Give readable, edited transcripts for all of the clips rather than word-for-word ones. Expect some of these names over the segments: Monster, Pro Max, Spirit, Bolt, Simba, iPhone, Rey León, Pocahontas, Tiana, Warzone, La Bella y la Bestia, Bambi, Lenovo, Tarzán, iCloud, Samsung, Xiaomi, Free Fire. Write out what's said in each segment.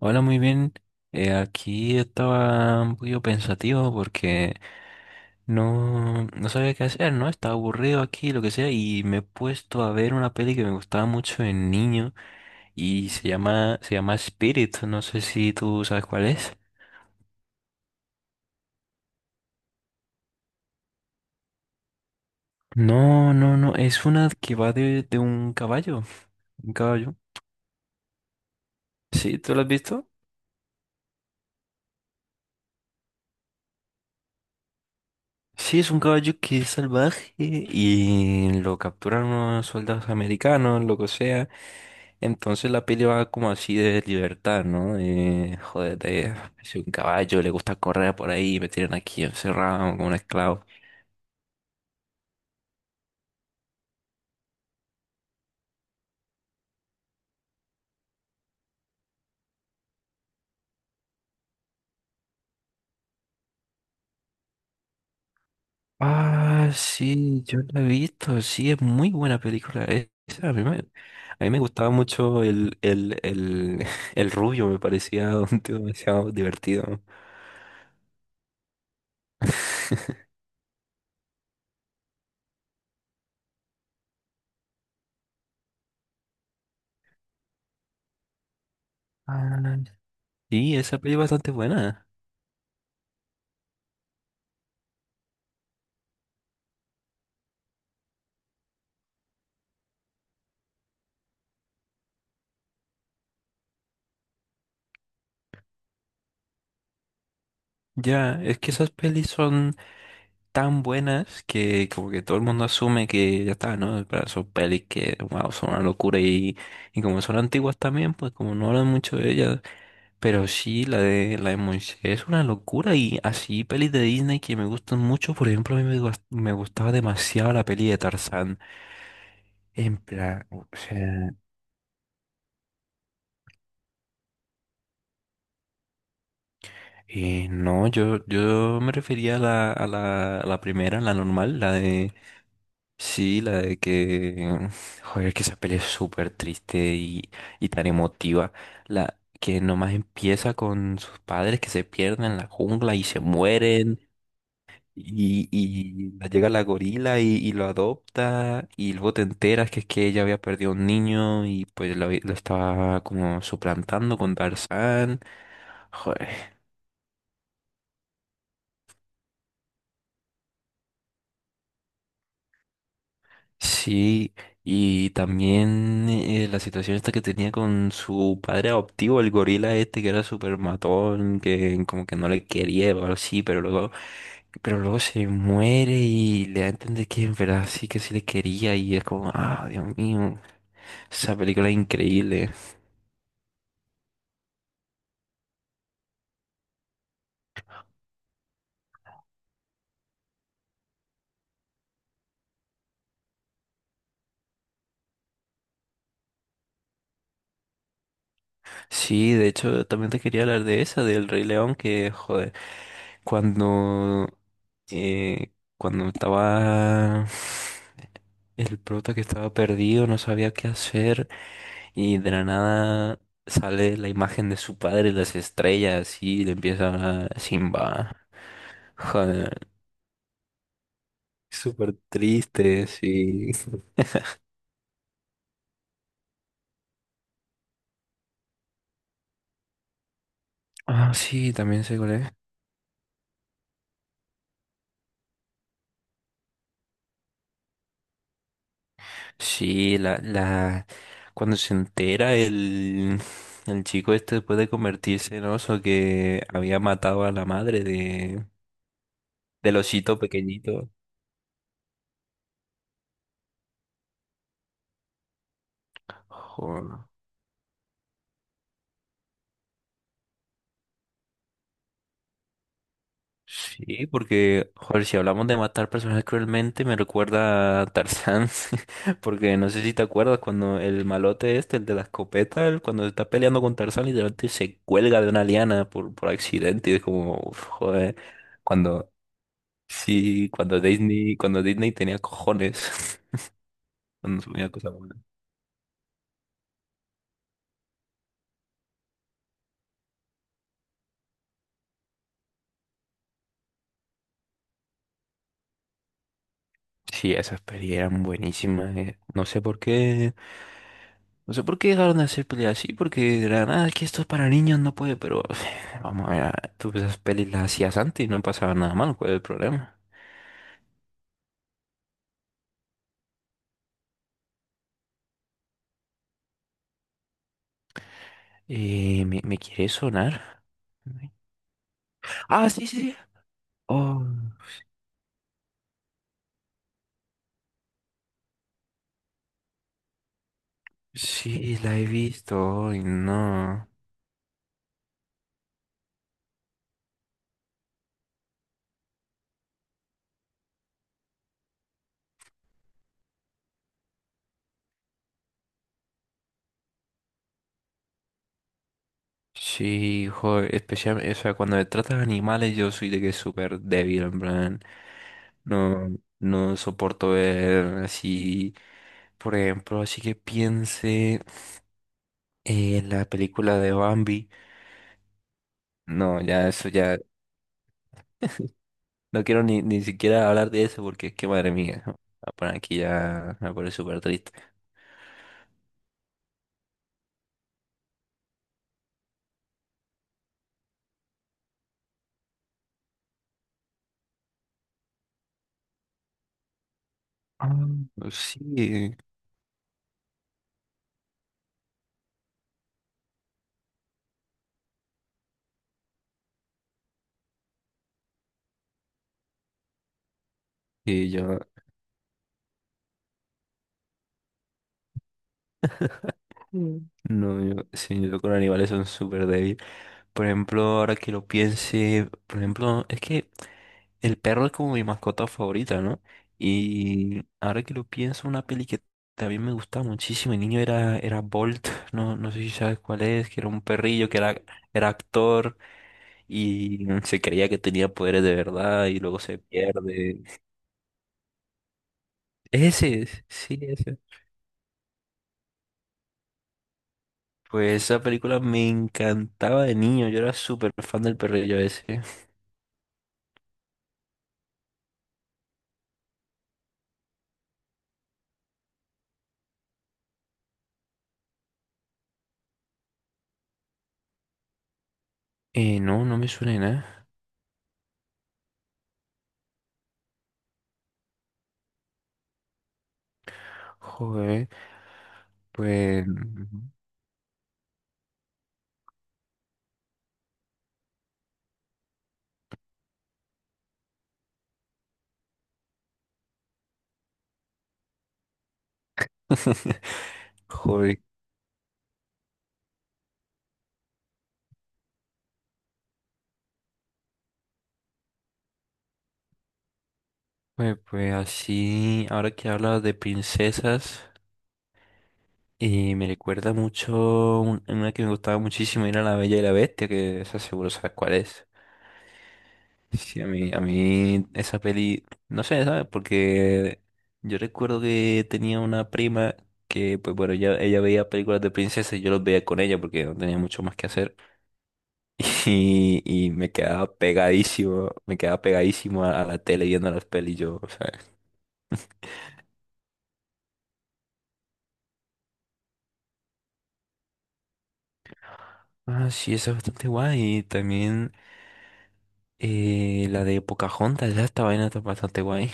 Hola, muy bien. Aquí estaba un poquito pensativo porque no sabía qué hacer, ¿no? Estaba aburrido aquí, lo que sea, y me he puesto a ver una peli que me gustaba mucho de niño y se llama Spirit. No sé si tú sabes cuál es. No, no, no, es una que va de un caballo. Un caballo. Sí, ¿tú lo has visto? Sí, es un caballo que es salvaje y lo capturan unos soldados americanos, lo que sea. Entonces la peli va como así de libertad, ¿no? De, joder, de, si un caballo le gusta correr por ahí, me tienen aquí encerrado como un esclavo. Ah, sí, yo la he visto, sí, es muy buena película esa. A mí me gustaba mucho el el rubio, me parecía un tío demasiado divertido. Ah, sí, esa peli es bastante buena. Ya, es que esas pelis son tan buenas que como que todo el mundo asume que ya está, ¿no? Pero son pelis que, wow, son una locura y como son antiguas también, pues como no hablan mucho de ellas, pero sí, la de Monster es una locura y así pelis de Disney que me gustan mucho, por ejemplo, a mí me, me gustaba demasiado la peli de Tarzán, en plan, o sea, no, yo me refería a la primera, la normal, la de... Sí, la de que, joder, que esa peli es súper triste y tan emotiva. La que nomás empieza con sus padres que se pierden en la jungla y se mueren. Y, llega la gorila y lo adopta. Y luego te enteras que es que ella había perdido un niño y pues lo, lo estaba como suplantando con Tarzán. Joder. Sí, y también la situación esta que tenía con su padre adoptivo, el gorila este que era súper matón, que como que no le quería o algo así, pero luego se muere y le da a entender que en verdad sí que sí le quería y es como, ah, Dios mío, esa película es increíble. Sí, de hecho, también te quería hablar de esa, del Rey León, que, joder, cuando, eh, cuando estaba el prota que estaba perdido, no sabía qué hacer, y de la nada sale la imagen de su padre, las estrellas, y le empieza a hablar Simba. Joder, súper triste, sí. Ah, sí, también sé cuál es. Sí, la, cuando se entera el chico este después de convertirse en oso que había matado a la madre de, del osito pequeñito. Joder. Sí, porque, joder, si hablamos de matar personas cruelmente, me recuerda a Tarzán, porque no sé si te acuerdas cuando el malote este, el de la escopeta, él cuando se está peleando con Tarzán, literalmente se cuelga de una liana por accidente y es como, uf, joder. Cuando, sí, cuando Disney tenía cojones, cuando subía cosas buenas. Sí, esas pelis eran buenísimas. No sé por qué, no sé por qué dejaron de hacer pelis así, porque de la nada es que esto es para niños, no puede, pero vamos a ver, ah, tú esas pelis las hacías antes y no pasaba nada mal, ¿cuál es el problema? Me quiere sonar? Ah, sí, sí, sí. Oh, sí, la he visto. Ay, no. Sí, joder, especialmente, o sea, cuando me trata de animales yo soy de que súper débil, en plan, no, no soporto ver así, por ejemplo, así que piense en la película de Bambi, no, ya eso ya, no quiero ni, ni siquiera hablar de eso porque es que madre mía, ah, por aquí ya me pone súper triste. Ah, sí, y yo. Mm. No, yo, sí, yo con animales son súper débil. Por ejemplo, ahora que lo piense, por ejemplo, es que el perro es como mi mascota favorita, ¿no? Y ahora que lo pienso, una peli que también me gustaba muchísimo, el niño era Bolt, no, no sé si sabes cuál es, que era un perrillo, que era, era actor y se creía que tenía poderes de verdad y luego se pierde. Ese, es, sí, ese. Pues esa película me encantaba de niño, yo era súper fan del perrillo ese. No, no me suena de nada. Joder, pues... Joder, pues, pues así, ahora que hablas de princesas, me recuerda mucho una que me gustaba muchísimo, era La Bella y la Bestia, que esa seguro sabes cuál es. Sí, a mí esa peli, no sé, ¿sabes? Porque yo recuerdo que tenía una prima que, pues bueno, ella veía películas de princesas y yo los veía con ella porque no tenía mucho más que hacer. Y me quedaba pegadísimo a la tele viendo las pelis yo, o sea. Ah, sí, esa es bastante guay. También la de Pocahontas, ya esta vaina está bastante guay.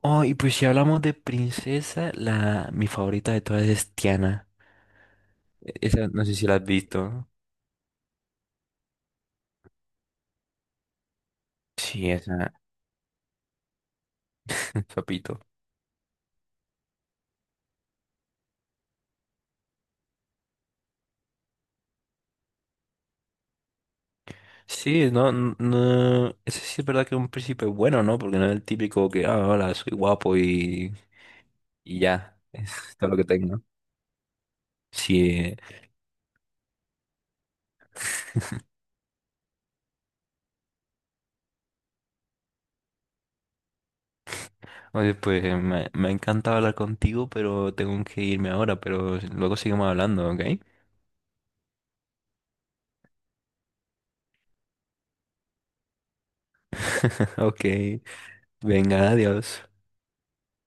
Oh, y pues si hablamos de princesa, la mi favorita de todas es Tiana. Esa no sé si la has visto. Sí, esa, papito. Sí, no, no, eso sí es verdad que es un príncipe bueno, ¿no? Porque no es el típico que, ah, hola, soy guapo y ya, es todo lo que tengo. Sí. Oye, pues me ha encantado hablar contigo, pero tengo que irme ahora, pero luego seguimos hablando, ¿ok? Ok, venga, adiós.